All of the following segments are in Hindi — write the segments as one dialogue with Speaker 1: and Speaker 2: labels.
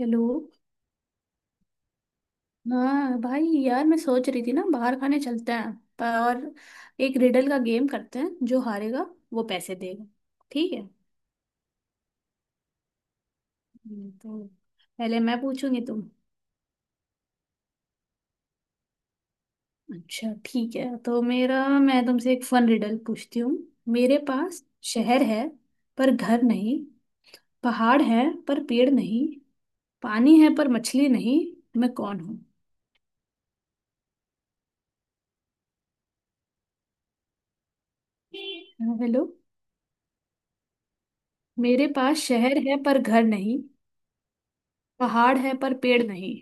Speaker 1: हेलो। हाँ भाई यार, मैं सोच रही थी ना, बाहर खाने चलते हैं। पर और एक रिडल का गेम करते हैं, जो हारेगा वो पैसे देगा, ठीक है। तो पहले मैं पूछूंगी, तुम। अच्छा, ठीक है, तो मेरा मैं तुमसे एक फन रिडल पूछती हूँ। मेरे पास शहर है पर घर नहीं। पहाड़ है पर पेड़ नहीं। पानी है पर मछली नहीं। मैं कौन हूँ? हाँ, हेलो। मेरे पास शहर है पर घर नहीं। पहाड़ है पर पेड़ नहीं।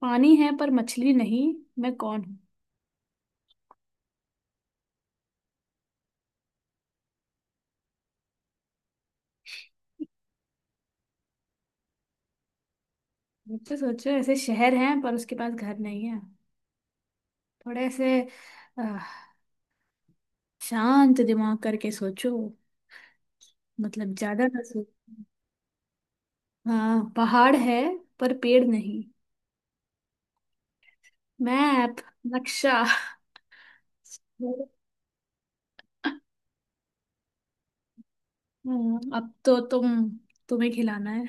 Speaker 1: पानी है पर मछली नहीं। मैं कौन हूँ? मुझसे सोचो, ऐसे शहर है पर उसके पास घर नहीं है। थोड़े ऐसे। आह, शांत दिमाग करके सोचो। मतलब ज्यादा ना सोचो। हाँ, पहाड़ है पर पेड़ नहीं। मैप। नक्शा। अब तो तुम तुम्हें खिलाना है,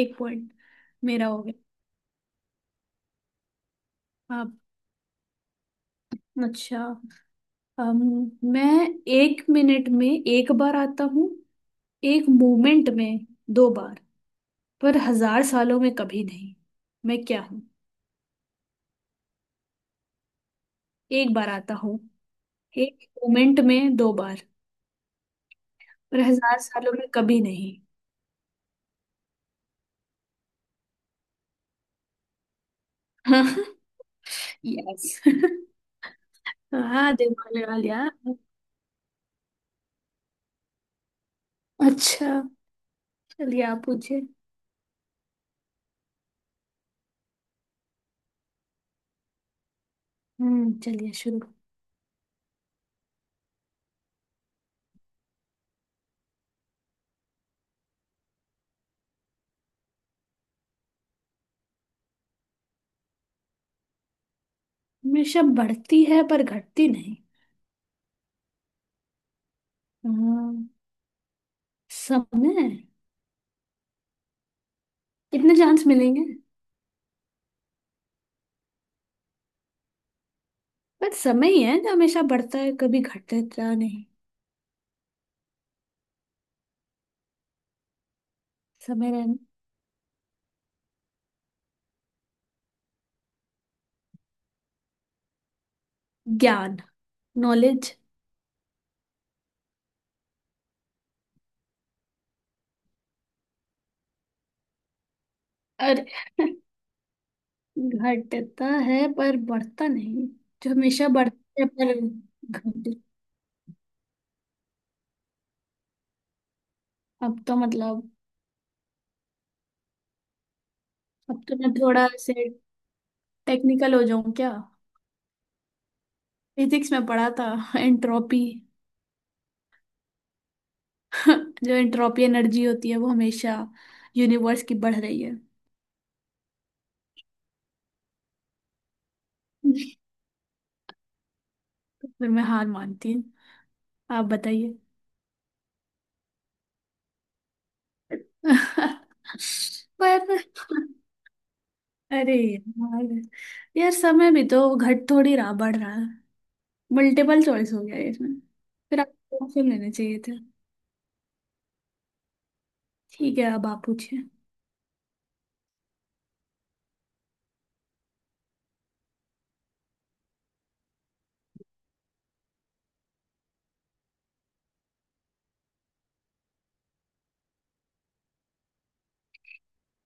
Speaker 1: एक पॉइंट मेरा हो गया। अब अच्छा, मैं एक मिनट में एक बार आता हूँ, एक मोमेंट में दो बार, पर हजार सालों में कभी नहीं। मैं क्या हूँ? एक बार आता हूँ, एक मोमेंट में दो बार, पर हजार सालों में कभी नहीं। यस। हाँ, दिमाग लगा लिया। अच्छा, चलिए आप पूछिए। चलिए शुरू। हमेशा बढ़ती है पर घटती नहीं। हम्म, समय। कितने चांस मिलेंगे? पर समय ही है जो हमेशा बढ़ता है, कभी घटता नहीं। समय रहना। ज्ञान। नॉलेज। अरे! घटता है पर बढ़ता नहीं। जो हमेशा बढ़ता है पर घट। अब तो मतलब, अब तो मैं थोड़ा से टेक्निकल हो जाऊं क्या? फिजिक्स में पढ़ा था, एंट्रोपी। जो एंट्रोपी एनर्जी होती है वो हमेशा यूनिवर्स की बढ़ रही है। तो फिर मैं हार मानती हूँ, आप बताइए। पर अरे यार, यार समय भी तो घट थोड़ी रहा, बढ़ रहा है। मल्टीपल चॉइस हो गया ये इसमें। फिर आपको ऑप्शन देने चाहिए थे। ठीक है, अब आप पूछिए।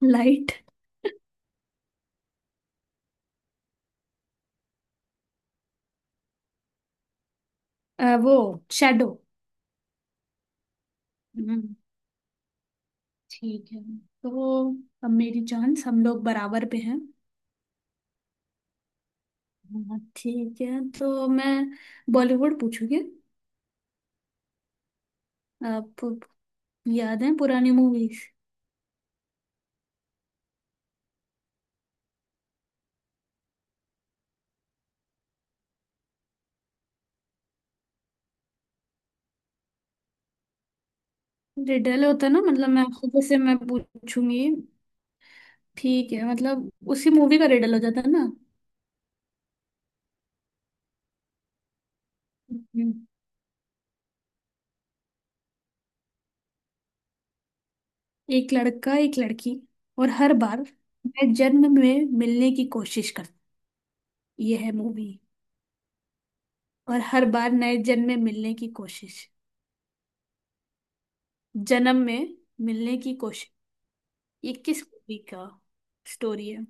Speaker 1: लाइट। वो शेडो। हम्म, ठीक है, तो अब मेरी चांस, हम लोग बराबर पे हैं। हाँ, ठीक है, तो मैं बॉलीवुड पूछूंगी। आपको याद है पुरानी मूवीज? रिडल होता है ना, मतलब मैं आपको जैसे मैं पूछूंगी, ठीक है मतलब, उसी मूवी का रिडल हो जाता है। ना। एक लड़का एक लड़की, और हर बार नए जन्म में मिलने की कोशिश कर। ये है मूवी। और हर बार नए जन्म में मिलने की कोशिश। जन्म में मिलने की कोशिश। ये किस मूवी का स्टोरी है?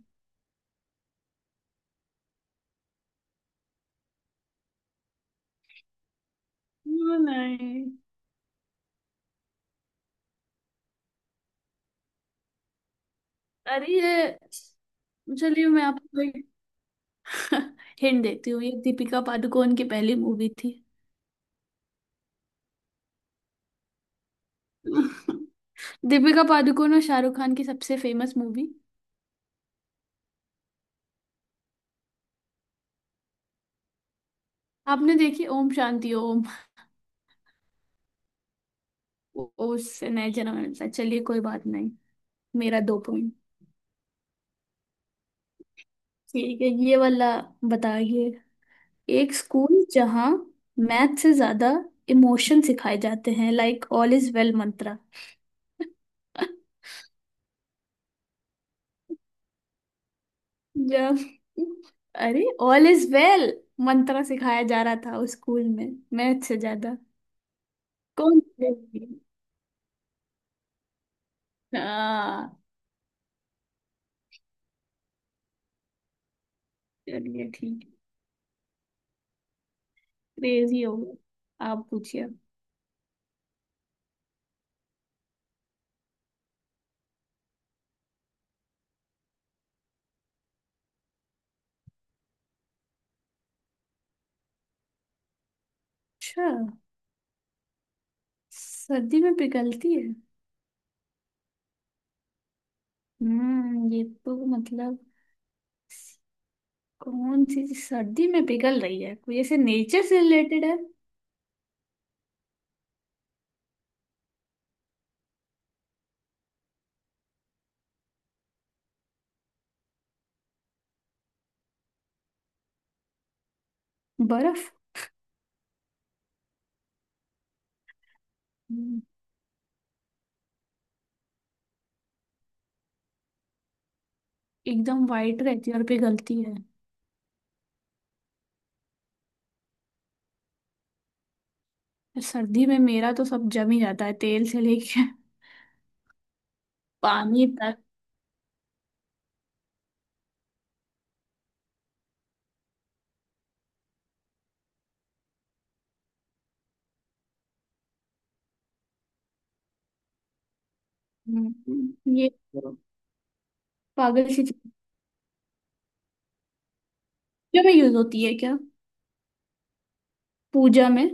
Speaker 1: नहीं नहीं। अरे ये, चलिए मैं आपको एक हिंट देती हूँ, ये दीपिका पादुकोण की पहली मूवी थी। दीपिका पादुकोण और शाहरुख खान की सबसे फेमस मूवी। आपने देखी ओम शांति ओम? ओ, उससे नहीं जना मैंने पूछा। चलिए कोई बात नहीं। मेरा दो पॉइंट। ठीक है, ये वाला बताइए। एक स्कूल जहाँ मैथ से ज्यादा इमोशन सिखाए जाते हैं, like all is well mantra. जब, अरे ऑल इज वेल मंत्रा सिखाया जा रहा था उस स्कूल में मैथ से ज्यादा। कौन crazy? हाँ, चलिए ठीक। क्रेजी हो गया, आप पूछिए। अच्छा, सर्दी में पिघलती है। ये तो मतलब, कौन सी चीज़ सर्दी में पिघल रही है? कोई ऐसे नेचर से रिलेटेड है? बर्फ। हम्म, एकदम वाइट रहती है और पिघलती है? यार, सर्दी में मेरा तो सब जम ही जाता है, तेल से लेके पानी तक। ये पागल सी चीज पूजा में यूज होती है क्या? पूजा में?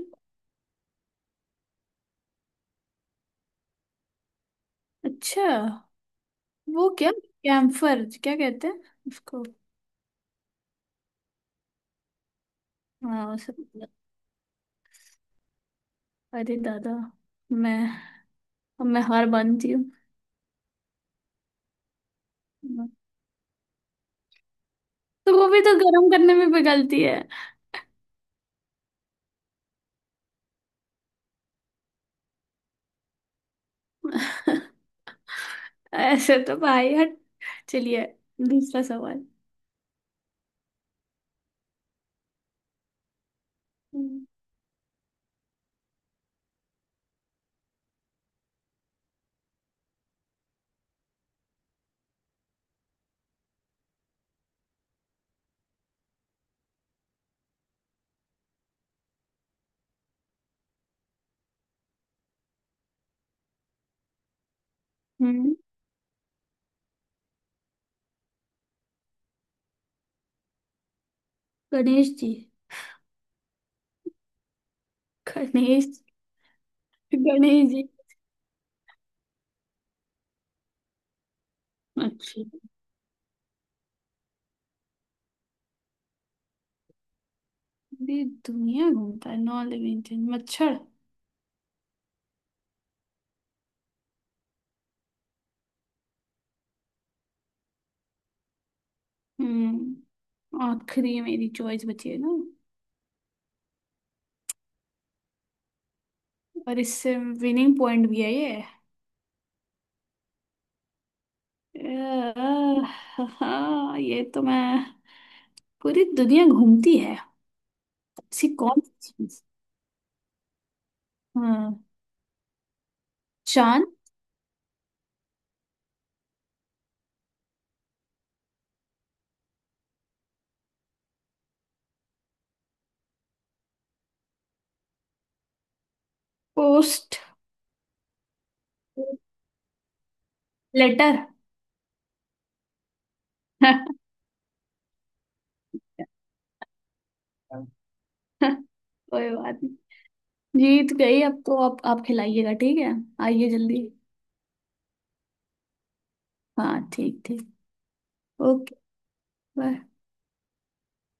Speaker 1: अच्छा, वो क्या कैम्फर क्या कहते हैं उसको? हाँ सब। अरे दादा! मैं अब मैं हार मानती हूँ। तो वो भी तो गर्म करने में पिघलती है। ऐसे तो भाई हट। चलिए दूसरा सवाल। हम्म, हम्म। गणेश जी। गणेश। गणेश जी। अच्छा। पूरी दुनिया घूमता है? नौ लिविंग थिंग, मच्छर। आखिरी मेरी चॉइस बची है ना? और इससे विनिंग पॉइंट भी है ये। अह, हाँ ये तो मैं, पूरी दुनिया घूमती है। ऐसी कौन सी चीज? हाँ। चांद। पोस्ट। लेटर। कोई बात नहीं। जीत गई, अब तो आप खिलाइएगा, ठीक है। आइए जल्दी। हाँ ठीक ठीक। ओके। बाय।